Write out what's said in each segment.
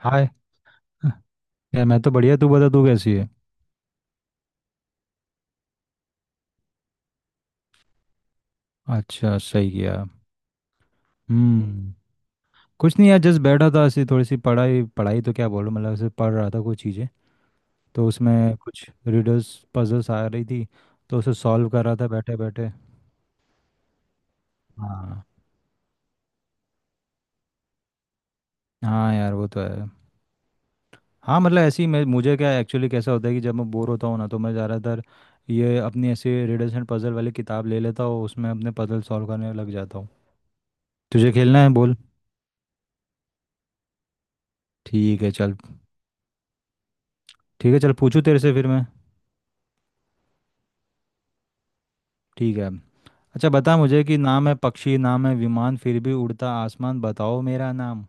हाय। यार मैं तो बढ़िया। तू बता, तू कैसी है? अच्छा, सही किया। हम्म। कुछ नहीं यार, जस्ट बैठा था, ऐसी थोड़ी सी पढ़ाई। पढ़ाई तो क्या बोलूं, मतलब ऐसे पढ़ रहा था कुछ चीज़ें। तो उसमें कुछ रिडल्स पजल्स आ रही थी, तो उसे सॉल्व कर रहा था बैठे बैठे। हाँ। हाँ यार, वो तो है। हाँ मतलब ऐसे ही, मैं मुझे क्या, एक्चुअली कैसा होता है कि जब मैं बोर होता हूँ ना, तो मैं ज़्यादातर ये अपनी ऐसे रिडल्स एंड पजल वाली किताब ले लेता हूँ, उसमें अपने पजल सॉल्व करने लग जाता हूँ। तुझे खेलना है, बोल। ठीक है, चल। ठीक है चल, पूछूं तेरे से फिर मैं। ठीक है। अच्छा बता मुझे कि नाम है पक्षी, नाम है विमान, फिर भी उड़ता आसमान। बताओ मेरा नाम।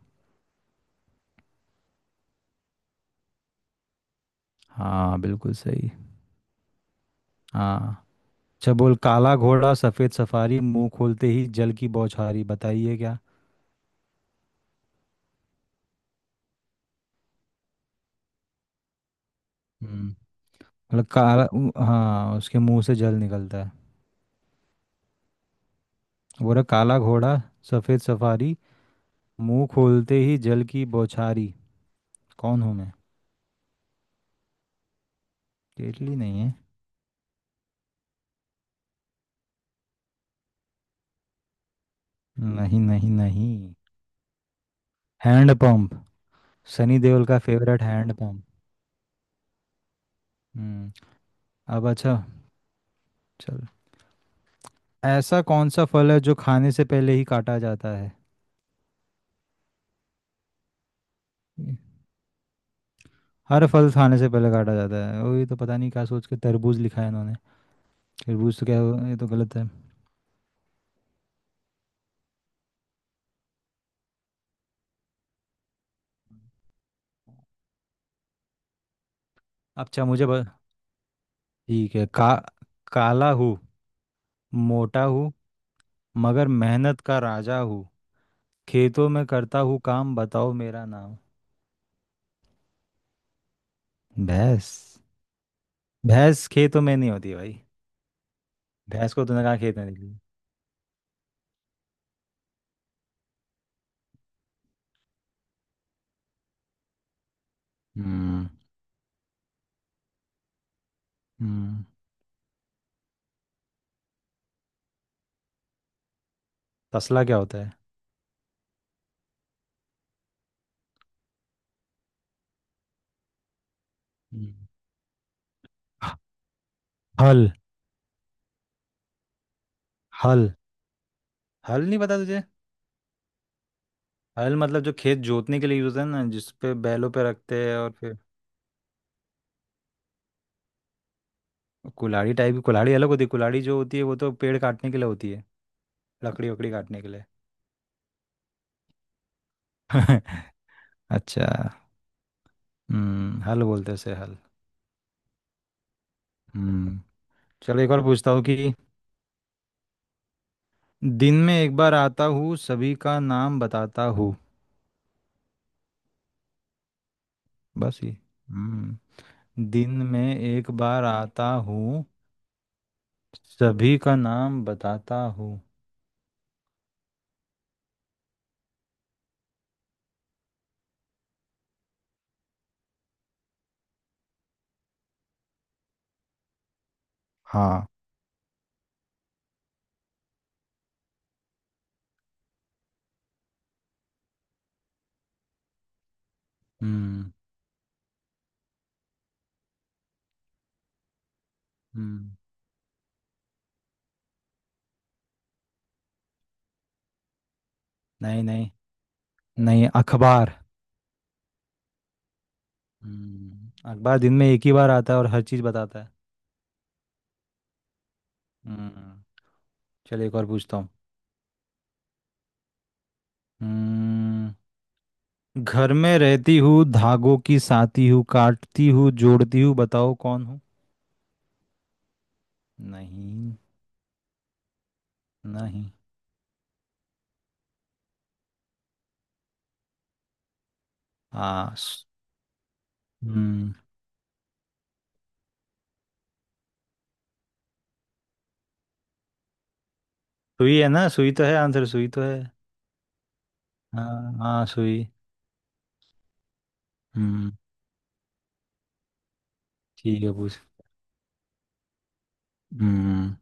हाँ, बिल्कुल सही। हाँ। अच्छा बोल, काला घोड़ा सफेद सफारी, मुंह खोलते ही जल की बौछारी। बताइए क्या। हम्म। मतलब काला हाँ, उसके मुंह से जल निकलता है। बोल रहा, काला घोड़ा सफेद सफारी, मुंह खोलते ही जल की बौछारी। कौन हूँ मैं? टेटली नहीं है। नहीं, नहीं, नहीं। Hand pump. सनी देओल का फेवरेट हैंड पंप। हम्म। अब अच्छा। चल। ऐसा कौन सा फल है जो खाने से पहले ही काटा जाता है? हर फल खाने से पहले काटा जाता है, वही तो, पता नहीं क्या सोच के तरबूज लिखा है इन्होंने। तरबूज तो ये तो गलत है। अच्छा, मुझे ठीक है। का काला हूँ, मोटा हूँ, मगर मेहनत का राजा हूँ। खेतों में करता हूँ काम। बताओ मेरा नाम। भैंस? भैंस खेतों में नहीं होती भाई। भैंस को तूने कहा खेत में देखी? हम्म। हम्म। तसला क्या होता है? हम्म। ह- हल, हल। हल नहीं पता तुझे? हल मतलब जो खेत जोतने के लिए यूज है ना, जिस पे बैलों पे रखते हैं, और फिर। कुल्हाड़ी टाइप की, कुल्हाड़ी अलग होती है। कुल्हाड़ी जो होती है, वो तो पेड़ काटने के लिए होती है। लकड़ी वकड़ी काटने के लिए। अच्छा। हम्म, हल बोलते हैं उसे, हल। हम्म। चलो एक और पूछता हूँ कि। दिन में एक बार आता हूँ, सभी का नाम बताता हूँ। बस ये, हम्म। दिन में एक बार आता हूँ, सभी का नाम बताता हूँ। हाँ। हम्म। हम्म। नहीं, नहीं, नहीं। अखबार। अखबार दिन में एक ही बार आता है और हर चीज़ बताता है। हम्म। चलिए एक और पूछता हूँ। हम्म। घर में रहती हूँ, धागों की साती हूँ, काटती हूँ जोड़ती हूँ, बताओ कौन हूँ। नहीं। नहीं। हाँ, हम्म। सुई है ना, सुई तो है आंसर, सुई तो है। हाँ, हाँ, सुई। हम्म। ठीक है, पूछ। हम्म।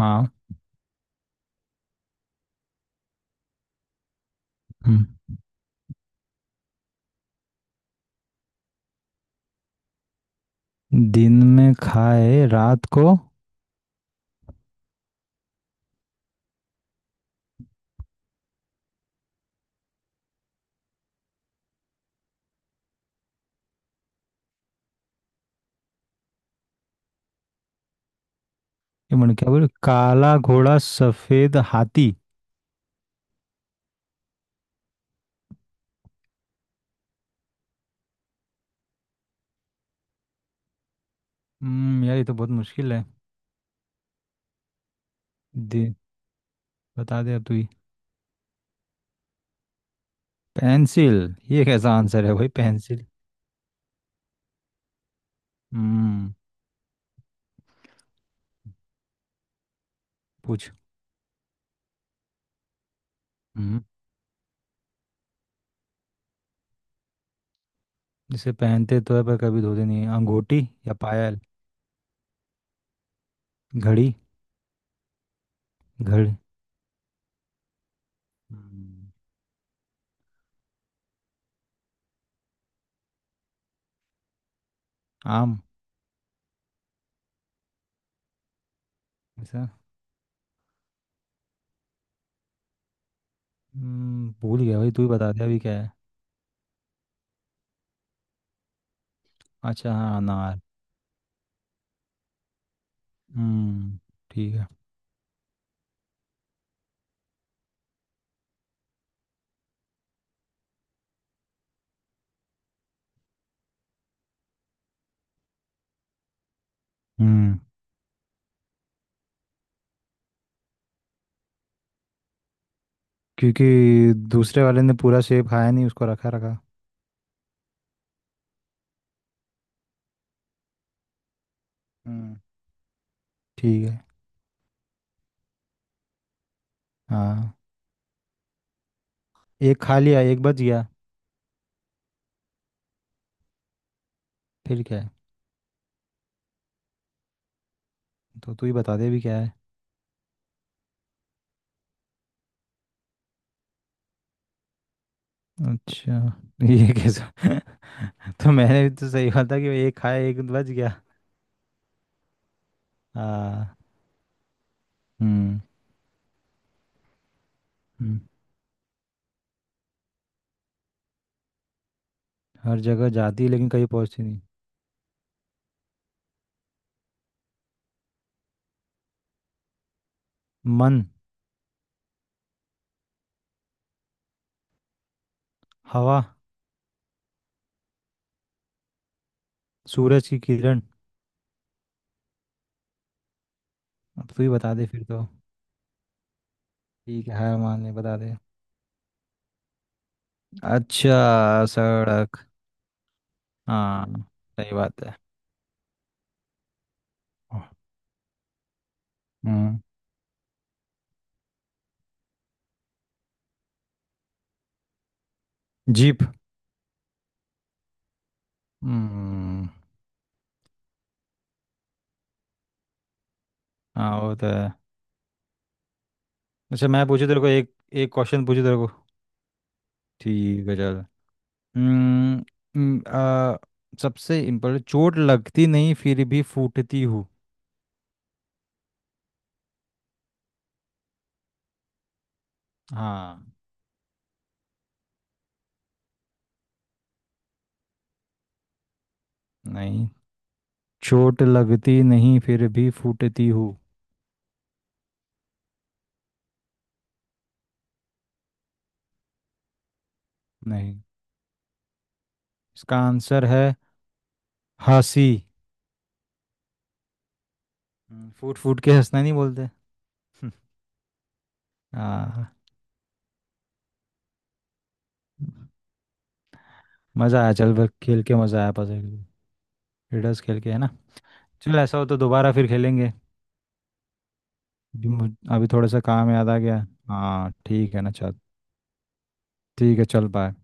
हाँ। हम्म। दिन में खाए रात को। ये मैंने क्या बोले, काला घोड़ा सफेद हाथी। यार, ये तो बहुत मुश्किल है। दे। बता दे अब तू ही। पेंसिल? ये कैसा आंसर है भाई, पेंसिल? हम्म। पूछ। हम्म। जिसे पहनते तो है पर कभी धोते नहीं है। अंगूठी? या पायल? घड़ी। घड़ी। हम्म, आम। ऐसा, भूल गया भाई, तू ही बता दे अभी क्या है। अच्छा हाँ, अनार। हम्म, ठीक है। हम्म। क्योंकि दूसरे वाले ने पूरा सेब खाया नहीं, उसको रखा रखा। हम्म। ठीक है। हाँ। एक खा लिया एक बच गया। फिर क्या है? तो तू ही बता दे अभी क्या है। अच्छा। ये कैसा तो मैंने भी तो सही बात था कि एक खाया एक बच गया। हाँ। हम्म। हम्म, हर जगह जाती है लेकिन कहीं पहुंचती नहीं। मन। हवा। सूरज की किरण। अब तू ही बता दे फिर तो। ठीक है, हार मान ले, बता दे। अच्छा, सड़क। हाँ। सही बात है। हम्म। जीप। हम्म। हाँ, वो तो है। अच्छा मैं पूछू तेरे को एक, एक क्वेश्चन पूछू तेरे को। ठीक है, चल। हम्म, हम्म, आ, सबसे इम्पोर्टेंट, चोट लगती नहीं फिर भी फूटती हूँ। हाँ। नहीं। चोट लगती नहीं फिर भी फूटती हूँ। नहीं। इसका आंसर है हंसी। फूट फूट के हंसना नहीं बोलते। हम्म, हाँ, मज़ा आया। चल, बस खेल के मज़ा आया, पजल, रिडल्स खेल के, है ना? चल, ऐसा हो तो दोबारा फिर खेलेंगे। अभी अभी थोड़ा सा काम याद आ गया। हाँ, ठीक है ना, चल। ठीक है, चल, बाय।